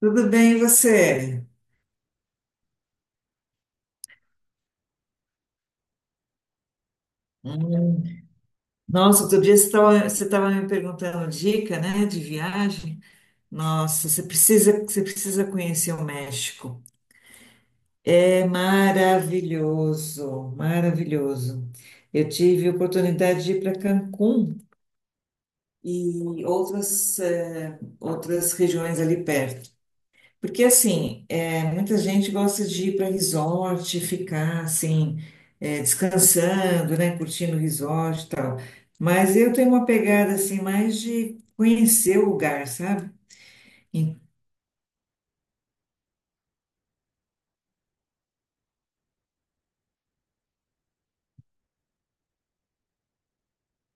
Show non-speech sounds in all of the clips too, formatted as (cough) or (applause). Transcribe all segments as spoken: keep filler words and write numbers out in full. Tudo bem, e você? Hum. Nossa, outro dia você estava você estava me perguntando dica, né, de viagem. Nossa, você precisa, você precisa conhecer o México. É maravilhoso, maravilhoso. Eu tive a oportunidade de ir para Cancún e outras, eh, outras regiões ali perto. Porque, assim, é, muita gente gosta de ir para resort, ficar, assim, é, descansando, né? Curtindo o resort e tal. Mas eu tenho uma pegada, assim, mais de conhecer o lugar, sabe? E-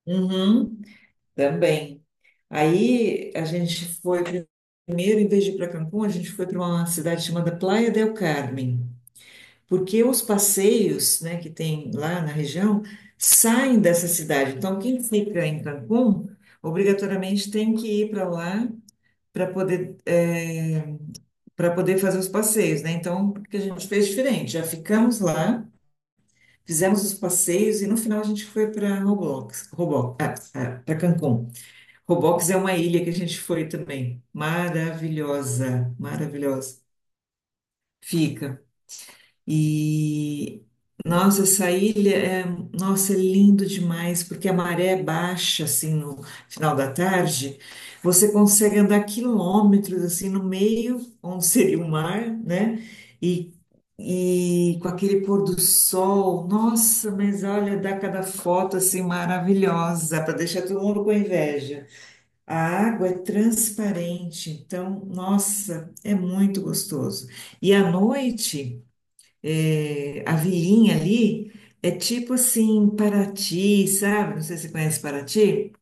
Uhum, também. Aí, a gente foi... Primeiro, em vez de ir para Cancún, a gente foi para uma cidade chamada Playa del Carmen, porque os passeios, né, que tem lá na região saem dessa cidade. Então, quem fica em Cancún, obrigatoriamente tem que ir para lá para poder, para poder fazer os passeios, né? Então, o que a gente fez diferente? Já ficamos lá, fizemos os passeios e no final a gente foi para Roblox, Roblox, para Cancún. Roblox é uma ilha que a gente foi também. Maravilhosa, maravilhosa. Fica. E nossa, essa ilha é, nossa, é lindo demais, porque a maré é baixa assim no final da tarde, você consegue andar quilômetros assim no meio, onde seria o mar, né? E, e com aquele pôr do sol, nossa, mas olha, dá cada foto assim maravilhosa para deixar todo mundo com inveja. A água é transparente, então, nossa, é muito gostoso. E à noite é, a vilinha ali é tipo assim, Paraty, sabe? Não sei se você conhece Paraty.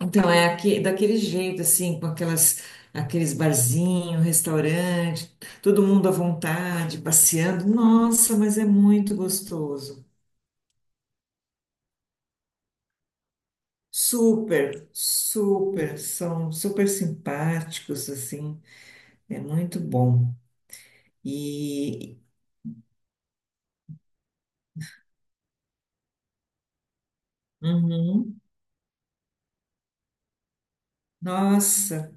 Então, é aque- daquele jeito, assim, com aquelas, aqueles barzinhos, restaurante, todo mundo à vontade, passeando. Nossa, mas é muito gostoso. Super, super, são super simpáticos, assim, é muito bom. E, uhum, nossa.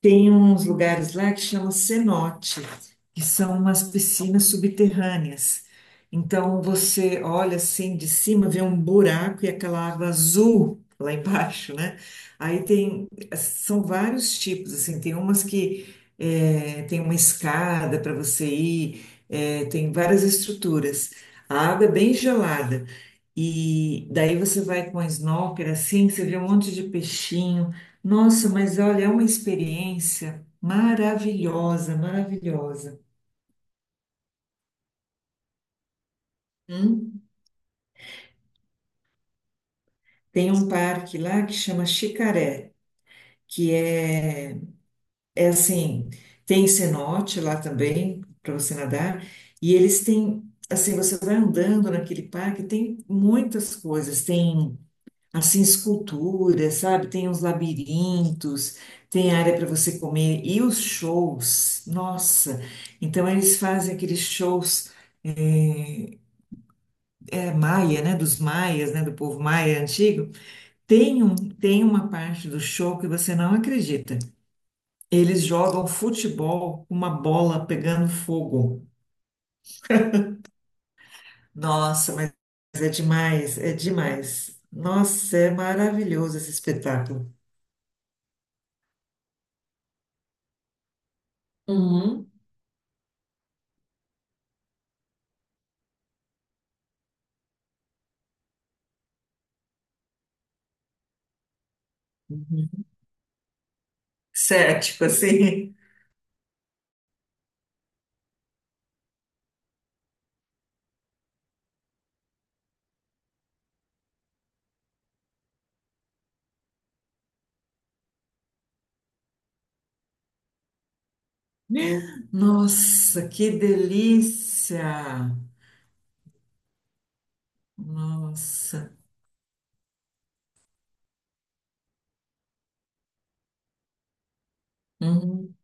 Tem uns lugares lá que chama cenote, que são umas piscinas subterrâneas. Então você olha assim de cima, vê um buraco e aquela água azul lá embaixo, né? Aí tem, são vários tipos, assim, tem umas que é, tem uma escada para você ir, é, tem várias estruturas. A água é bem gelada. E daí você vai com a snorkel assim, você vê um monte de peixinho. Nossa, mas olha, é uma experiência maravilhosa, maravilhosa. Hum? Tem um parque lá que chama Xicaré, que é, é assim, tem cenote lá também para você nadar. E eles têm, assim, você vai andando naquele parque, tem muitas coisas. Tem assim, esculturas, sabe? Tem uns labirintos, tem área para você comer e os shows, nossa. Então eles fazem aqueles shows, eh, é maia, né? Dos maias, né? Do povo maia antigo. Tem um, tem uma parte do show que você não acredita. Eles jogam futebol com uma bola pegando fogo. Nossa, mas é demais, é demais. Nossa, é maravilhoso esse espetáculo. Uhum. Cético, assim. Nossa, que delícia! Nossa. Uhum,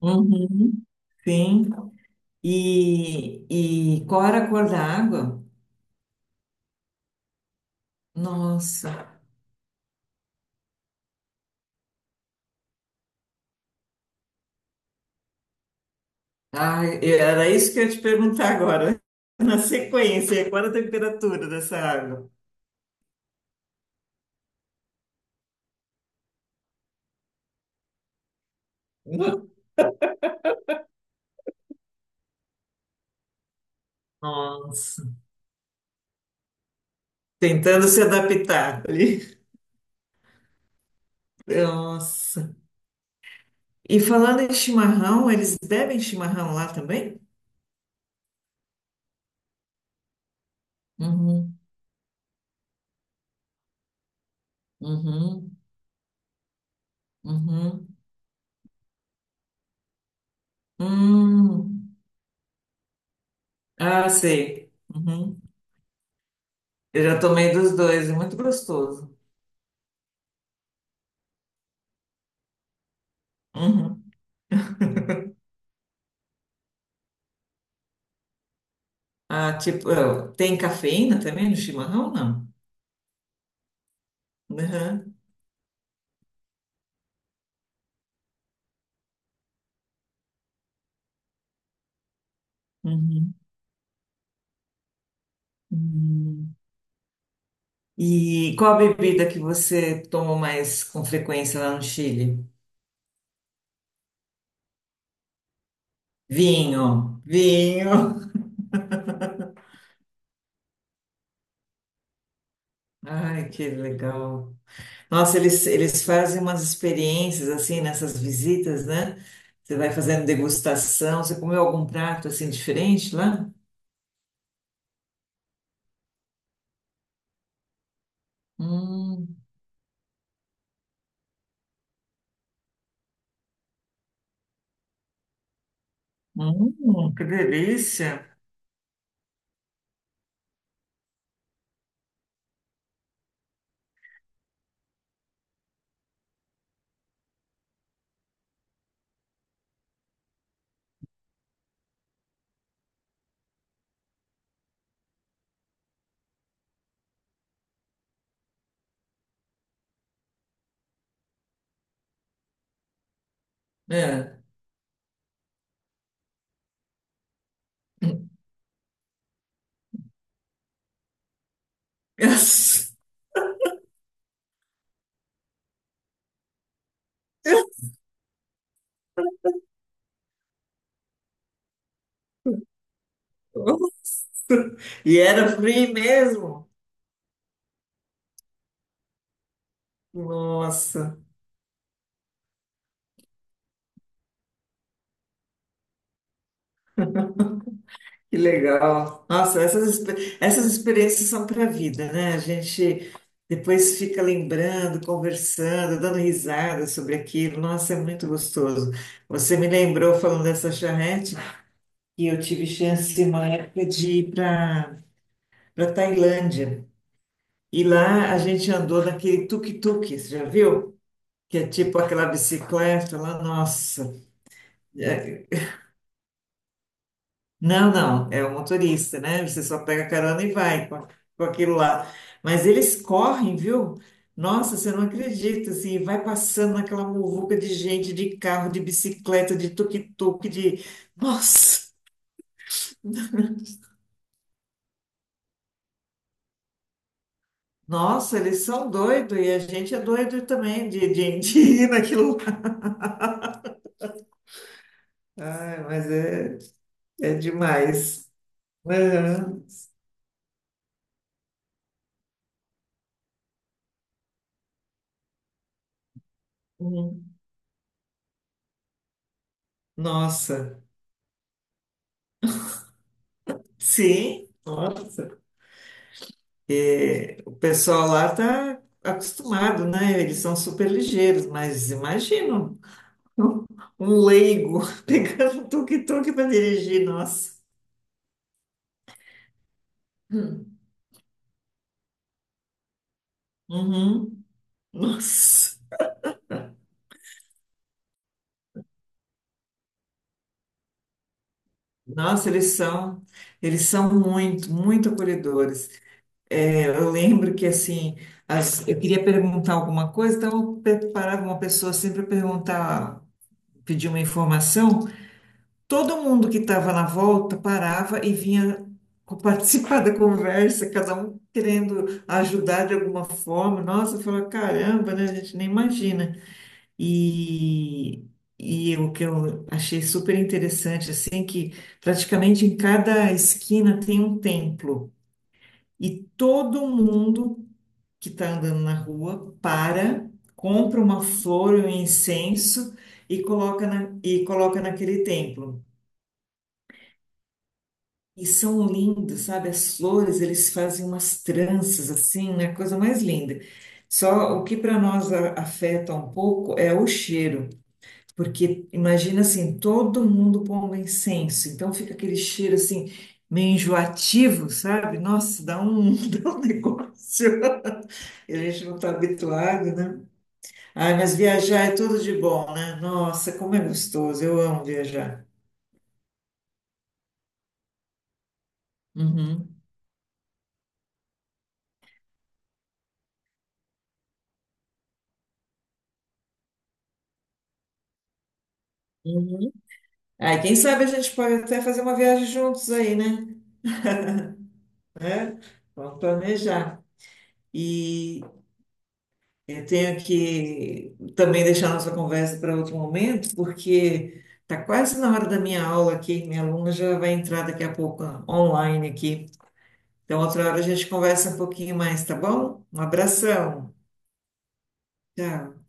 uhum, sim. E, e qual era a cor da água? Nossa. Ah, era isso que eu ia te perguntar agora. (laughs) Na sequência, qual era a temperatura dessa água? Nossa. Tentando se adaptar ali. Nossa. E falando em chimarrão, eles bebem chimarrão lá também? Uhum, uhum, uhum. Hum. Ah, sei. Uhum. Eu já tomei dos dois, é muito gostoso. Uhum. Ah, tipo, ah, tem cafeína também no chimarrão? Não. Uhum. Uhum. Uhum. E qual a bebida que você toma mais com frequência lá no Chile? Vinho, vinho. (laughs) Ai, que legal. Nossa, eles, eles fazem umas experiências assim nessas visitas, né? Você vai fazendo degustação. Você comeu algum prato assim diferente lá? Hum. Hum, que delícia. É. (laughs) Yes. Nossa. E era free mesmo. Nossa, que legal. Nossa, essas, expe- essas experiências são para a vida, né? A gente depois fica lembrando, conversando, dando risada sobre aquilo. Nossa, é muito gostoso. Você me lembrou falando dessa charrete que eu tive chance uma época de ir para para Tailândia. E lá a gente andou naquele tuk-tuk, você já viu? Que é tipo aquela bicicleta lá, nossa. É- não, não, é o motorista, né? Você só pega a carona e vai com, a- com aquilo lá. Mas eles correm, viu? Nossa, você não acredita, assim, vai passando naquela muvuca de gente, de carro, de bicicleta, de tuk-tuk, de... Nossa! Nossa, eles são doidos e a gente é doido também de, de, (laughs) de ir naquilo lá. Ai, mas é, é demais. Aham. Hum. Nossa, sim, nossa. É, o pessoal lá tá acostumado, né? Eles são super ligeiros, mas imagina um, um leigo (laughs) pegando um tuk-tuk para dirigir, nossa. Hum. Uhum. Nossa. Nossa, eles são, eles são muito, muito acolhedores. É, eu lembro que assim, as- eu queria perguntar alguma coisa, então eu preparava uma pessoa sempre para perguntar, pedir uma informação. Todo mundo que estava na volta parava e vinha co- participar da conversa, cada um querendo ajudar de alguma forma. Nossa, eu falava, caramba, né? A gente nem imagina. E, e o que eu achei super interessante, assim, que praticamente em cada esquina tem um templo. E todo mundo que está andando na rua para, compra uma flor, um incenso e coloca na, e coloca naquele templo. E são lindos, sabe? As flores, eles fazem umas tranças assim, né? Coisa mais linda. Só o que para nós a- afeta um pouco é o cheiro, porque imagina assim, todo mundo pondo incenso, então fica aquele cheiro assim, meio enjoativo, sabe? Nossa, dá um, (laughs) dá um negócio. E a gente não está habituado, né? Ai, mas viajar é tudo de bom, né? Nossa, como é gostoso, eu amo viajar. Uhum. Aí, quem sabe a gente pode até fazer uma viagem juntos aí, né? Né? Vamos planejar. E eu tenho que também deixar nossa conversa para outro momento, porque está quase na hora da minha aula aqui. Minha aluna já vai entrar daqui a pouco online aqui. Então, outra hora a gente conversa um pouquinho mais, tá bom? Um abração. Tchau.